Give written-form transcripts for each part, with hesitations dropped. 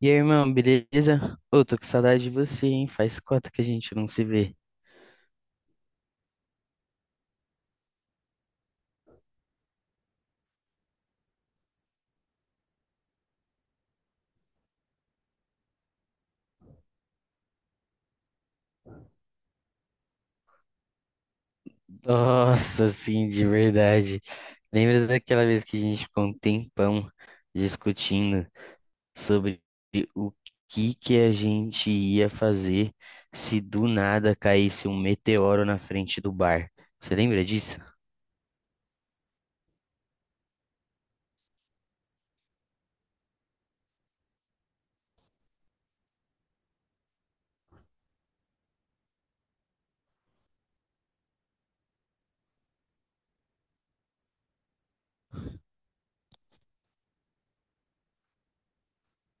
E aí, irmão, beleza? Ô, tô com saudade de você, hein? Faz cota que a gente não se vê. Nossa, sim, de verdade. Lembra daquela vez que a gente ficou um tempão discutindo sobre o que que a gente ia fazer se do nada caísse um meteoro na frente do bar. Você lembra disso?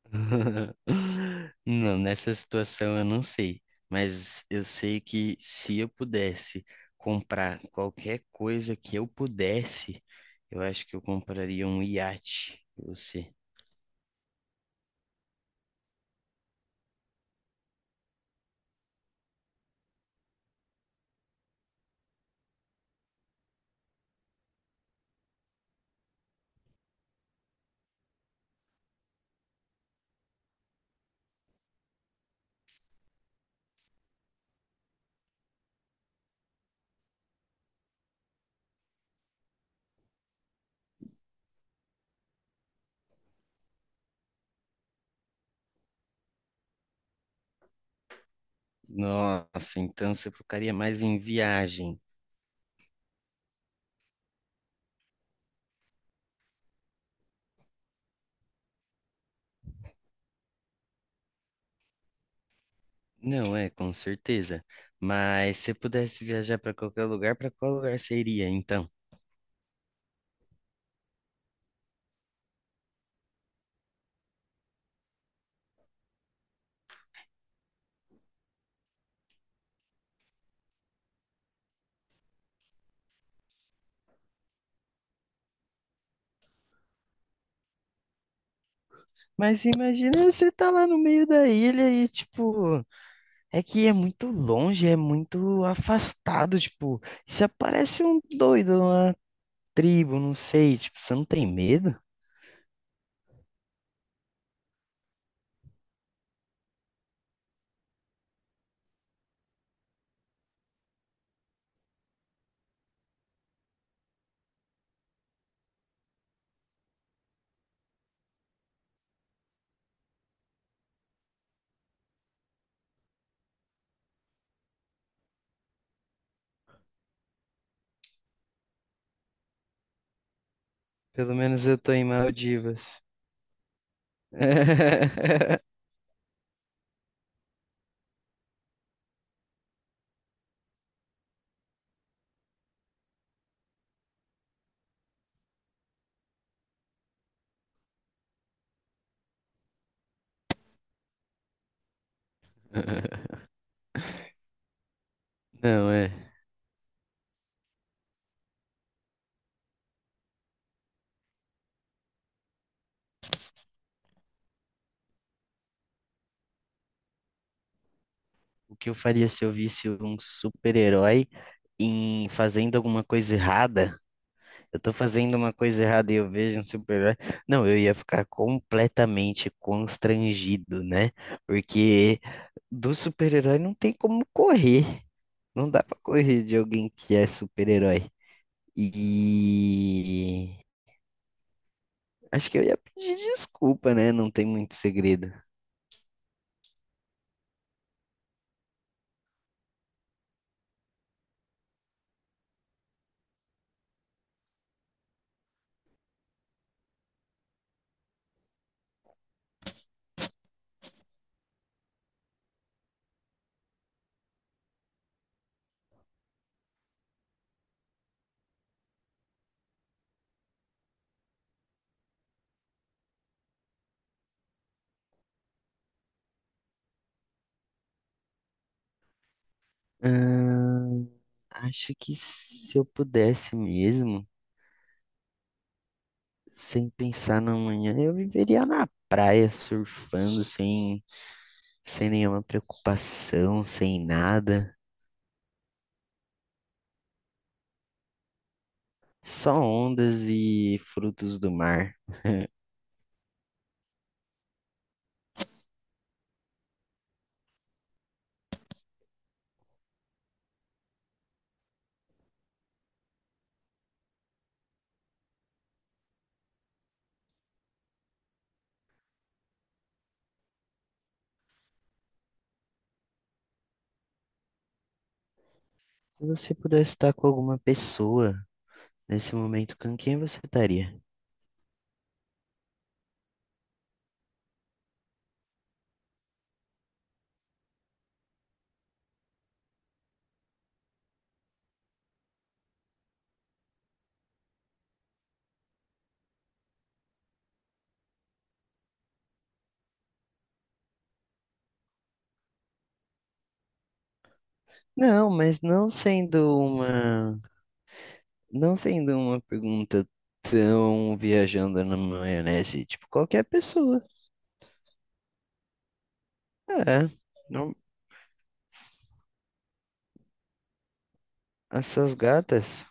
Não, nessa situação eu não sei, mas eu sei que se eu pudesse comprar qualquer coisa que eu pudesse, eu acho que eu compraria um iate. E você? Nossa, então você focaria mais em viagem. Não, é, com certeza. Mas se pudesse viajar para qualquer lugar, para qual lugar seria, então? Mas imagina você tá lá no meio da ilha e, tipo, é que é muito longe, é muito afastado, tipo, e se aparece um doido, uma tribo, não sei, tipo, você não tem medo? Pelo menos eu tô em Maldivas. Não, é. O que eu faria se eu visse um super-herói em fazendo alguma coisa errada? Eu tô fazendo uma coisa errada e eu vejo um super-herói. Não, eu ia ficar completamente constrangido, né? Porque do super-herói não tem como correr. Não dá pra correr de alguém que é super-herói. E acho que eu ia pedir desculpa, né? Não tem muito segredo. Ahn, acho que se eu pudesse mesmo, sem pensar na manhã, eu viveria na praia surfando sem nenhuma preocupação, sem nada. Só ondas e frutos do mar. Se você pudesse estar com alguma pessoa nesse momento, com quem você estaria? Não, mas não sendo uma pergunta tão viajando na maionese, tipo qualquer pessoa. É, não, as suas gatas?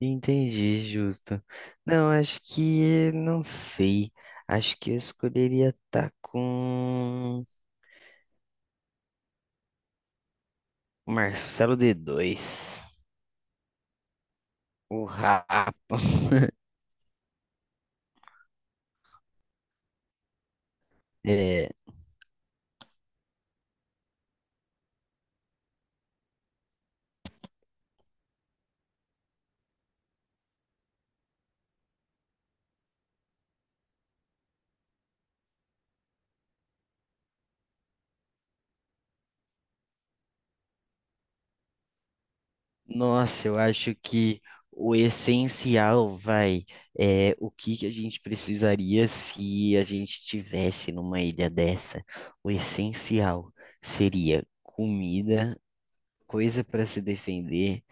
Entendi, justo. Não, acho que não sei. Acho que eu escolheria estar com Marcelo D2, o Rapa. É, nossa, eu acho que o essencial vai é o que que a gente precisaria se a gente estivesse numa ilha dessa. O essencial seria comida, coisa para se defender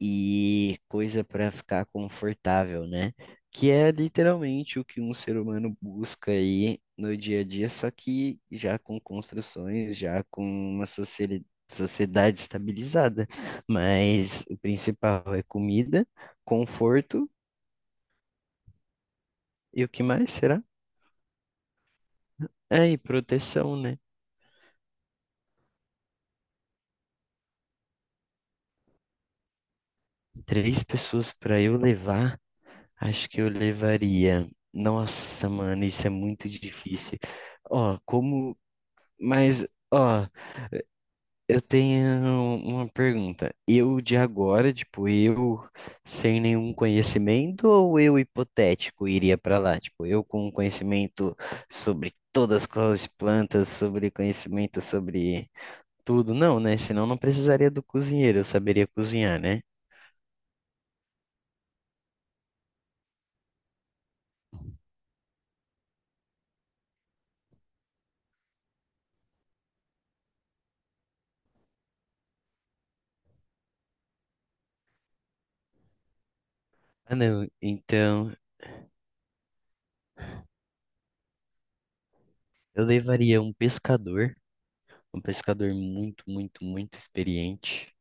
e coisa para ficar confortável, né? Que é literalmente o que um ser humano busca aí no dia a dia, só que já com construções, já com uma sociedade estabilizada. Mas o principal é comida, conforto e o que mais será? É, e proteção, né? Três pessoas para eu levar, acho que eu levaria. Nossa, mano, isso é muito difícil. Ó, como. Mas, ó, eu tenho uma pergunta. Eu de agora, tipo, eu sem nenhum conhecimento ou eu hipotético iria pra lá? Tipo, eu com conhecimento sobre todas as plantas, sobre conhecimento sobre tudo. Não, né? Senão não precisaria do cozinheiro, eu saberia cozinhar, né? Ah, não. Então, eu levaria um pescador muito, muito, muito experiente.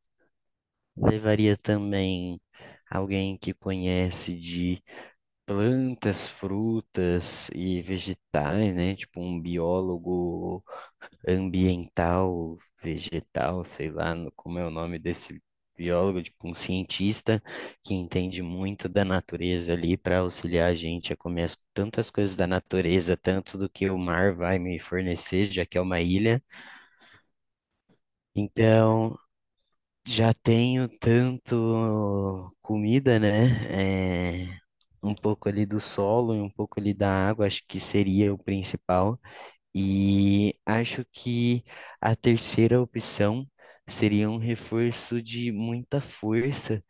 Levaria também alguém que conhece plantas, frutas e vegetais, né? Tipo um biólogo ambiental, vegetal, sei lá como é o nome desse biólogo, tipo um cientista que entende muito da natureza ali para auxiliar a gente a comer tantas coisas da natureza, tanto do que o mar vai me fornecer, já que é uma ilha. Então, já tenho tanto comida, né? É, um pouco ali do solo e um pouco ali da água, acho que seria o principal. E acho que a terceira opção seria um reforço de muita força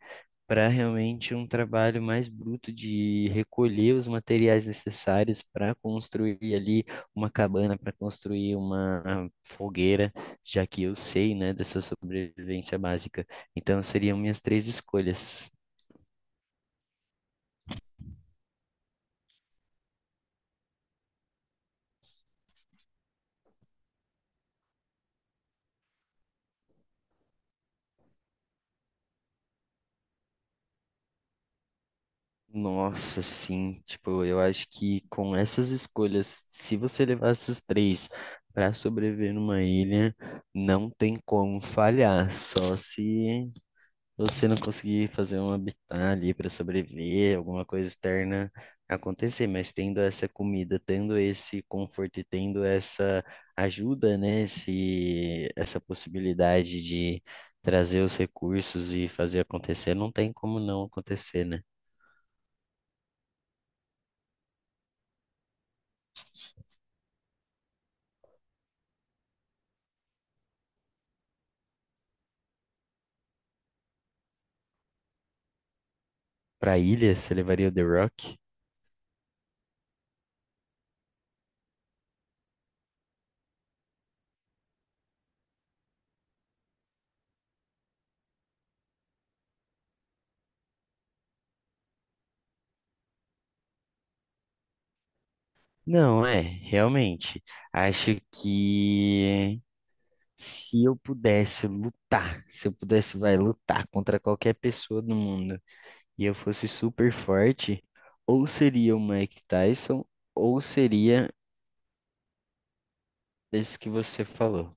para realmente um trabalho mais bruto de recolher os materiais necessários para construir ali uma cabana, para construir uma fogueira, já que eu sei, né, dessa sobrevivência básica. Então seriam minhas três escolhas. Nossa, sim, tipo, eu acho que com essas escolhas, se você levasse os três para sobreviver numa ilha, não tem como falhar, só se você não conseguir fazer um habitat ali para sobreviver, alguma coisa externa acontecer, mas tendo essa comida, tendo esse conforto e tendo essa ajuda, né, essa possibilidade de trazer os recursos e fazer acontecer, não tem como não acontecer, né? Para ilha, você levaria o The Rock? Não, é, realmente. Acho que se eu pudesse lutar, se eu pudesse, vai, lutar contra qualquer pessoa do mundo, e eu fosse super forte, ou seria o Mike Tyson, ou seria esse que você falou.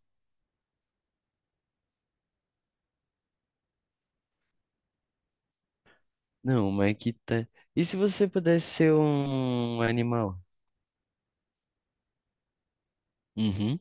Não, o Mike Tyson. E se você pudesse ser um animal? Uhum.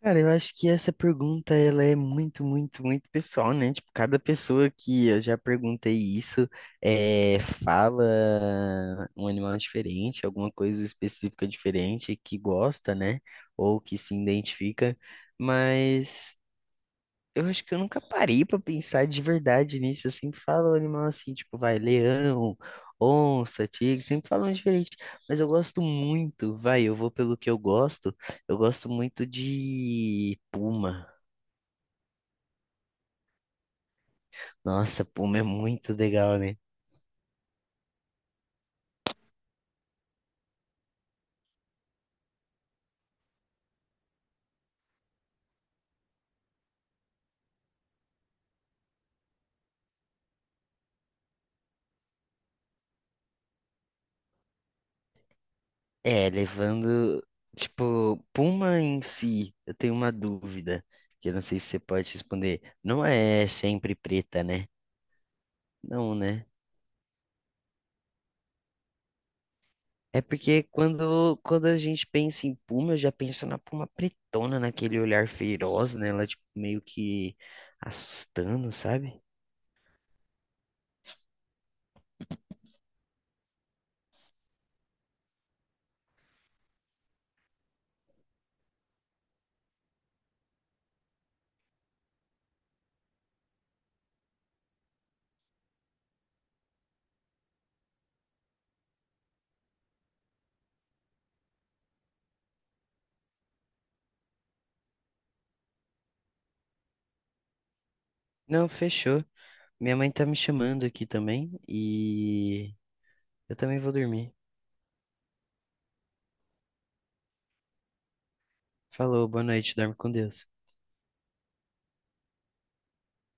Cara, eu acho que essa pergunta ela é muito, muito, muito pessoal, né? Tipo, cada pessoa que eu já perguntei isso é, fala um animal diferente, alguma coisa específica diferente que gosta, né? Ou que se identifica. Mas eu acho que eu nunca parei pra pensar de verdade nisso. Eu sempre falo animal assim, tipo, vai, leão, onça, tigre, sempre falam diferente. Mas eu gosto muito, vai, eu vou pelo que eu gosto. Eu gosto muito de puma. Nossa, puma é muito legal, né? É, levando, tipo, puma em si, eu tenho uma dúvida, que eu não sei se você pode responder. Não é sempre preta, né? Não, né? É porque quando a gente pensa em Puma, eu já penso na Puma pretona, naquele olhar feroz, né? Ela, tipo, meio que assustando, sabe? Não, fechou. Minha mãe tá me chamando aqui também e eu também vou dormir. Falou, boa noite, dorme com Deus.